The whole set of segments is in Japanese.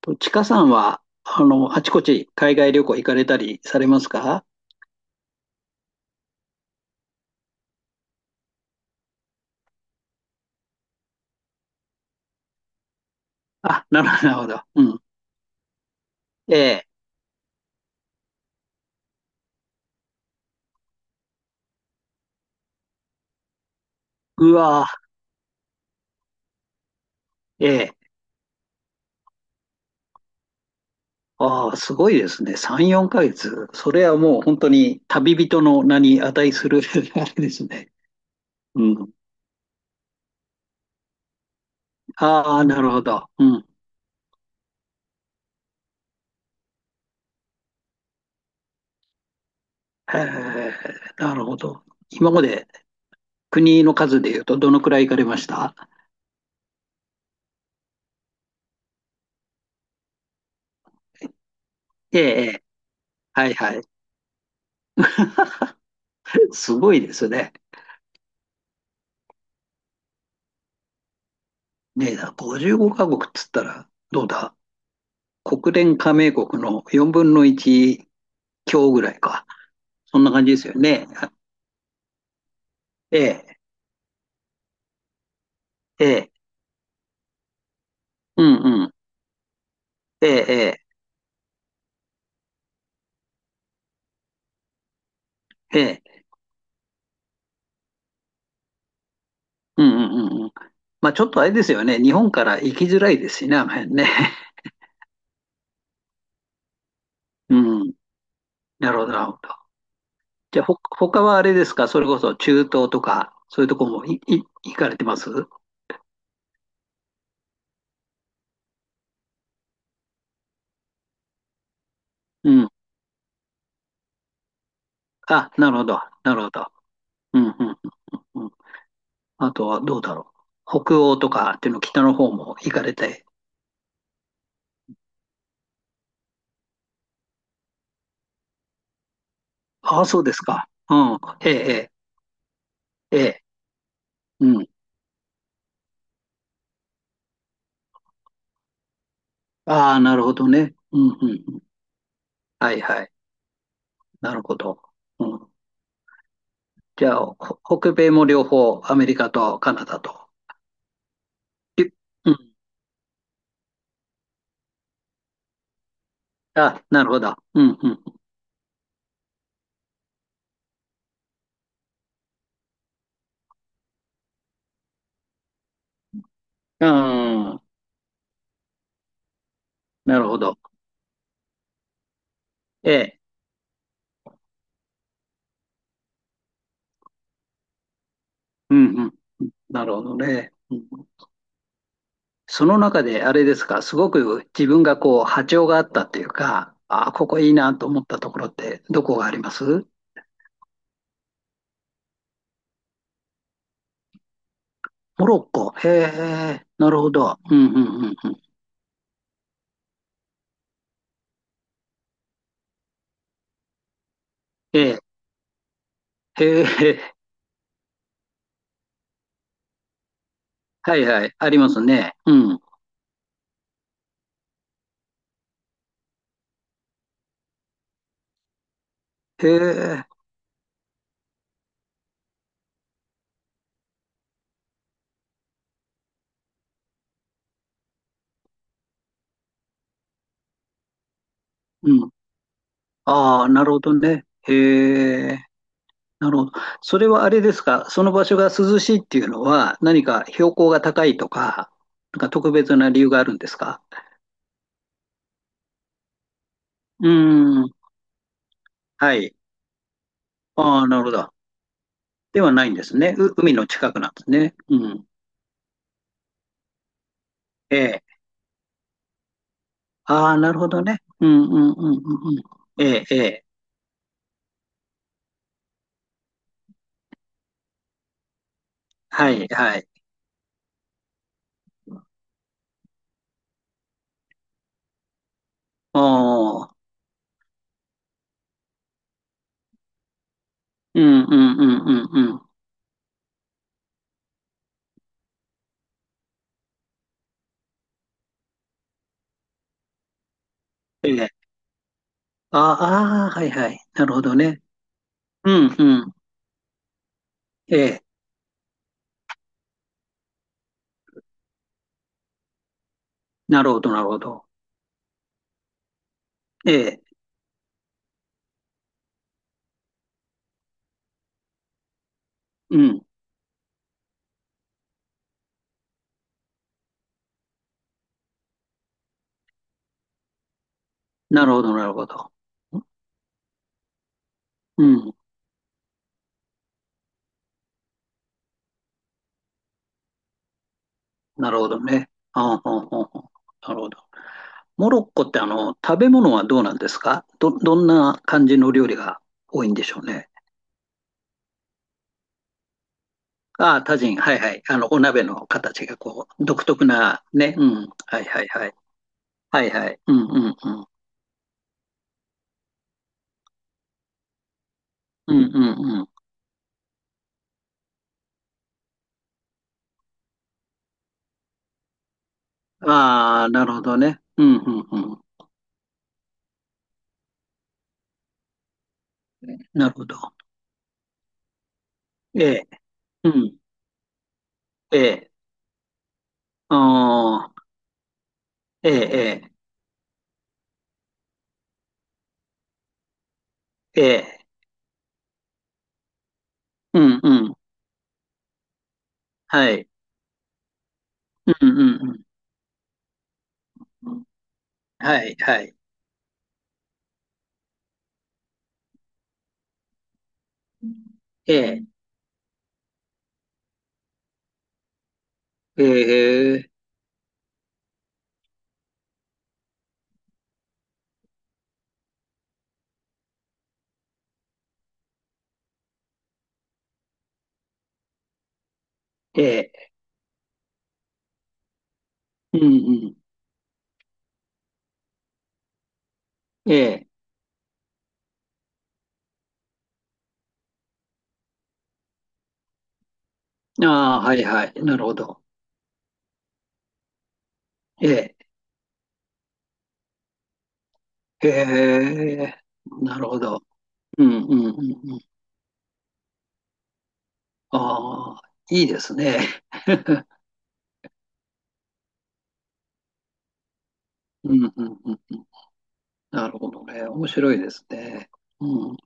ちかさんは、あちこち海外旅行行かれたりされますか？あ、なるほど、なるほど。うん。ええ。うわ、ええ。ああ、すごいですね。3、4ヶ月。それはもう本当に旅人の名に値する あれですね。うん。ああ、なるほど。うん。へえ、なるほど。今まで国の数で言うとどのくらい行かれました？ええ、ええ。はい、はい。すごいですね。ねえ、55カ国っつったらどうだ、国連加盟国の4分の1強ぐらいか。そんな感じですよね。ええ、ええ、うんうん、ええ、ええ、ええ、うんうんうんうん。まあちょっとあれですよね。日本から行きづらいですしね、あの辺ね。うん、なるほど、なるほど。じゃあ、他はあれですか、それこそ中東とか、そういうとこも行かれてます？うん。あ、なるほど、なるほど。うんうんうんうん。あとはどうだろう。北欧とかっていうの北の方も行かれて。ああ、そうですか。うん。ええ、えええ、うん。ああ、なるほどね。うん、うん、うん。はい、はい。なるほど。うん。じゃあ、北米も両方、アメリカとカナダと。いうん。あ、なるほど。うん、うん。ああ、なるほど。ええ、うん、うん。なるほどね。うん。その中で、あれですか、すごく自分がこう、波長があったっていうか、ああ、ここいいなと思ったところって、どこがあります？モロッコ。へえ、なるほど。うん、うん、うん。うんええ、へえ、はいはい、ありますね。うん。へえ、うん。ああ、なるほどね。へえ、なるほど。それはあれですか、その場所が涼しいっていうのは、何か標高が高いとか、なんか特別な理由があるんですか？うーん、はい。ああ、なるほど。ではないんですね。海の近くなんですね。うん。ええ。ああ、なるほどね。うんうんうんうんうん。ええ、ええ。はいはい。おーうんうんうんうんうん。ええああー、はいはい。なるほどね。うん、うん。ええ。なるほど、なるほど。ええ。うん。なるほど、なるほど。うん。なるほどね。ああ、ああああ、なるほど。モロッコって食べ物はどうなんですか、どんな感じの料理が多いんでしょうね。ああ、タジン。はいはい。お鍋の形がこう、独特なね。うん。はいはいはい。はいはい。うんうんうん。うんうんうん。ああ、なるほどね。うんうんうん。なるほど。ええ。うん。ええ、ああ、ええ、ええ、ええ、うんうん、はい、うんうんうん、はい、はい、ええ、ええ、ええ、うんうん、ええ、ああ、はいはい、なるほど、ええ、ええ、なるほど、うんうんうんうん、ああ、いいですね、うんうんうんうん、なるほどね、面白いですね、うん、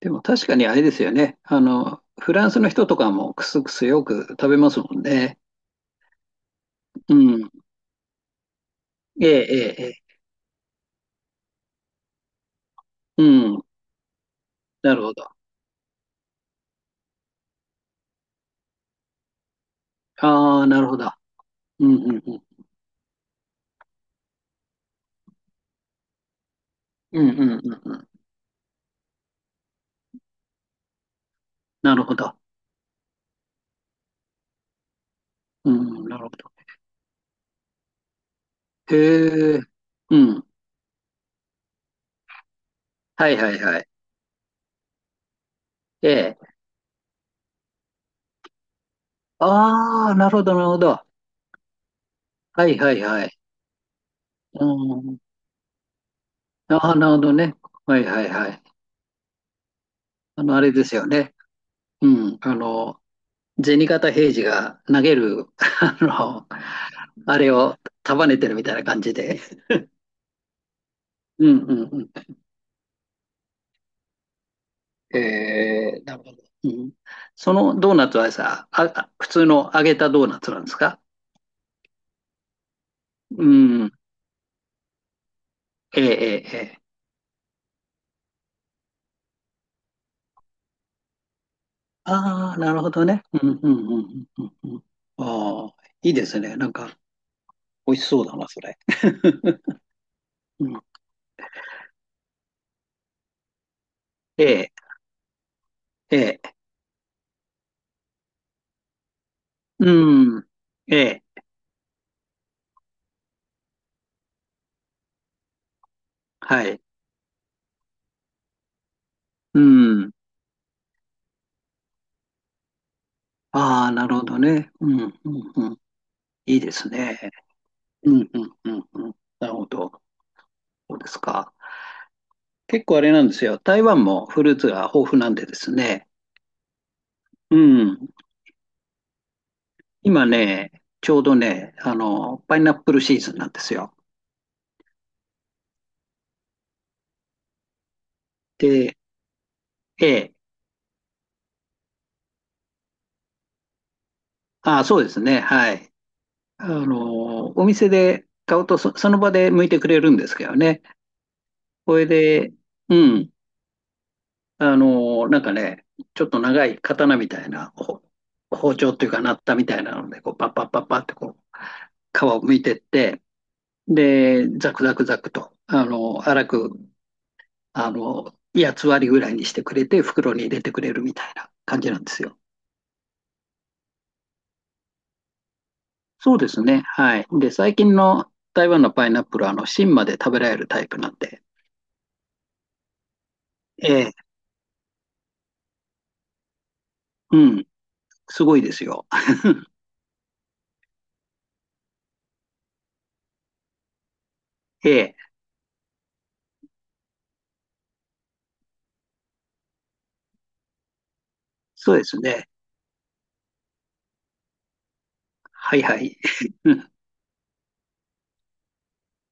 でも確かにあれですよね、フランスの人とかもクスクスよく食べますもんね。うん。ええ、ええ、ええ。うん。なるほど。ああ、なるほど。うん、うん、うん。うん、うん、うん。うん、なるほど。うん、なるほど。へえ。うん。はい、はい、はい。ええ。ああ、なるほど、なるほど。はい、はい、はい。うん。ああ、なるほどね。はい、はい、はい。あれですよね。うん。銭形平次が投げる、あの、あれを束ねてるみたいな感じで。うん、うん、うん。えー、なるほど。うん、そのドーナツはさ、あ普通の揚げたドーナツなんですか？うん。ええ、ええ、ええ。ああ、なるほどね。うん、うん、うん、うん、うん。ああ、いいですね。なんか、美味しそうだな、それ。うん、ええ、ええ。うん。ええ、はい。うん。ああ、なるほどね。うん、うん、うん。いいですね。うん、うん、うん、うん。なるほど。そうですか。結構あれなんですよ。台湾もフルーツが豊富なんでですね。うん。今ね、ちょうどね、パイナップルシーズンなんですよ。で、ええ。ああ、そうですね。はい。お店で買うとその場で剥いてくれるんですけどね。これで、うん。なんかね、ちょっと長い刀みたいな、包丁っていうかなったみたいなので、こう、パッパッパッパッってこう、皮を剥いてって、で、ザクザクザクと、粗く8つ割ぐらいにしてくれて、袋に入れてくれるみたいな感じなんですよ。そうですね。はい。で、最近の台湾のパイナップルは、芯まで食べられるタイプなんで、ええ、うん、すごいですよ。ええ、そうですね。はいはい。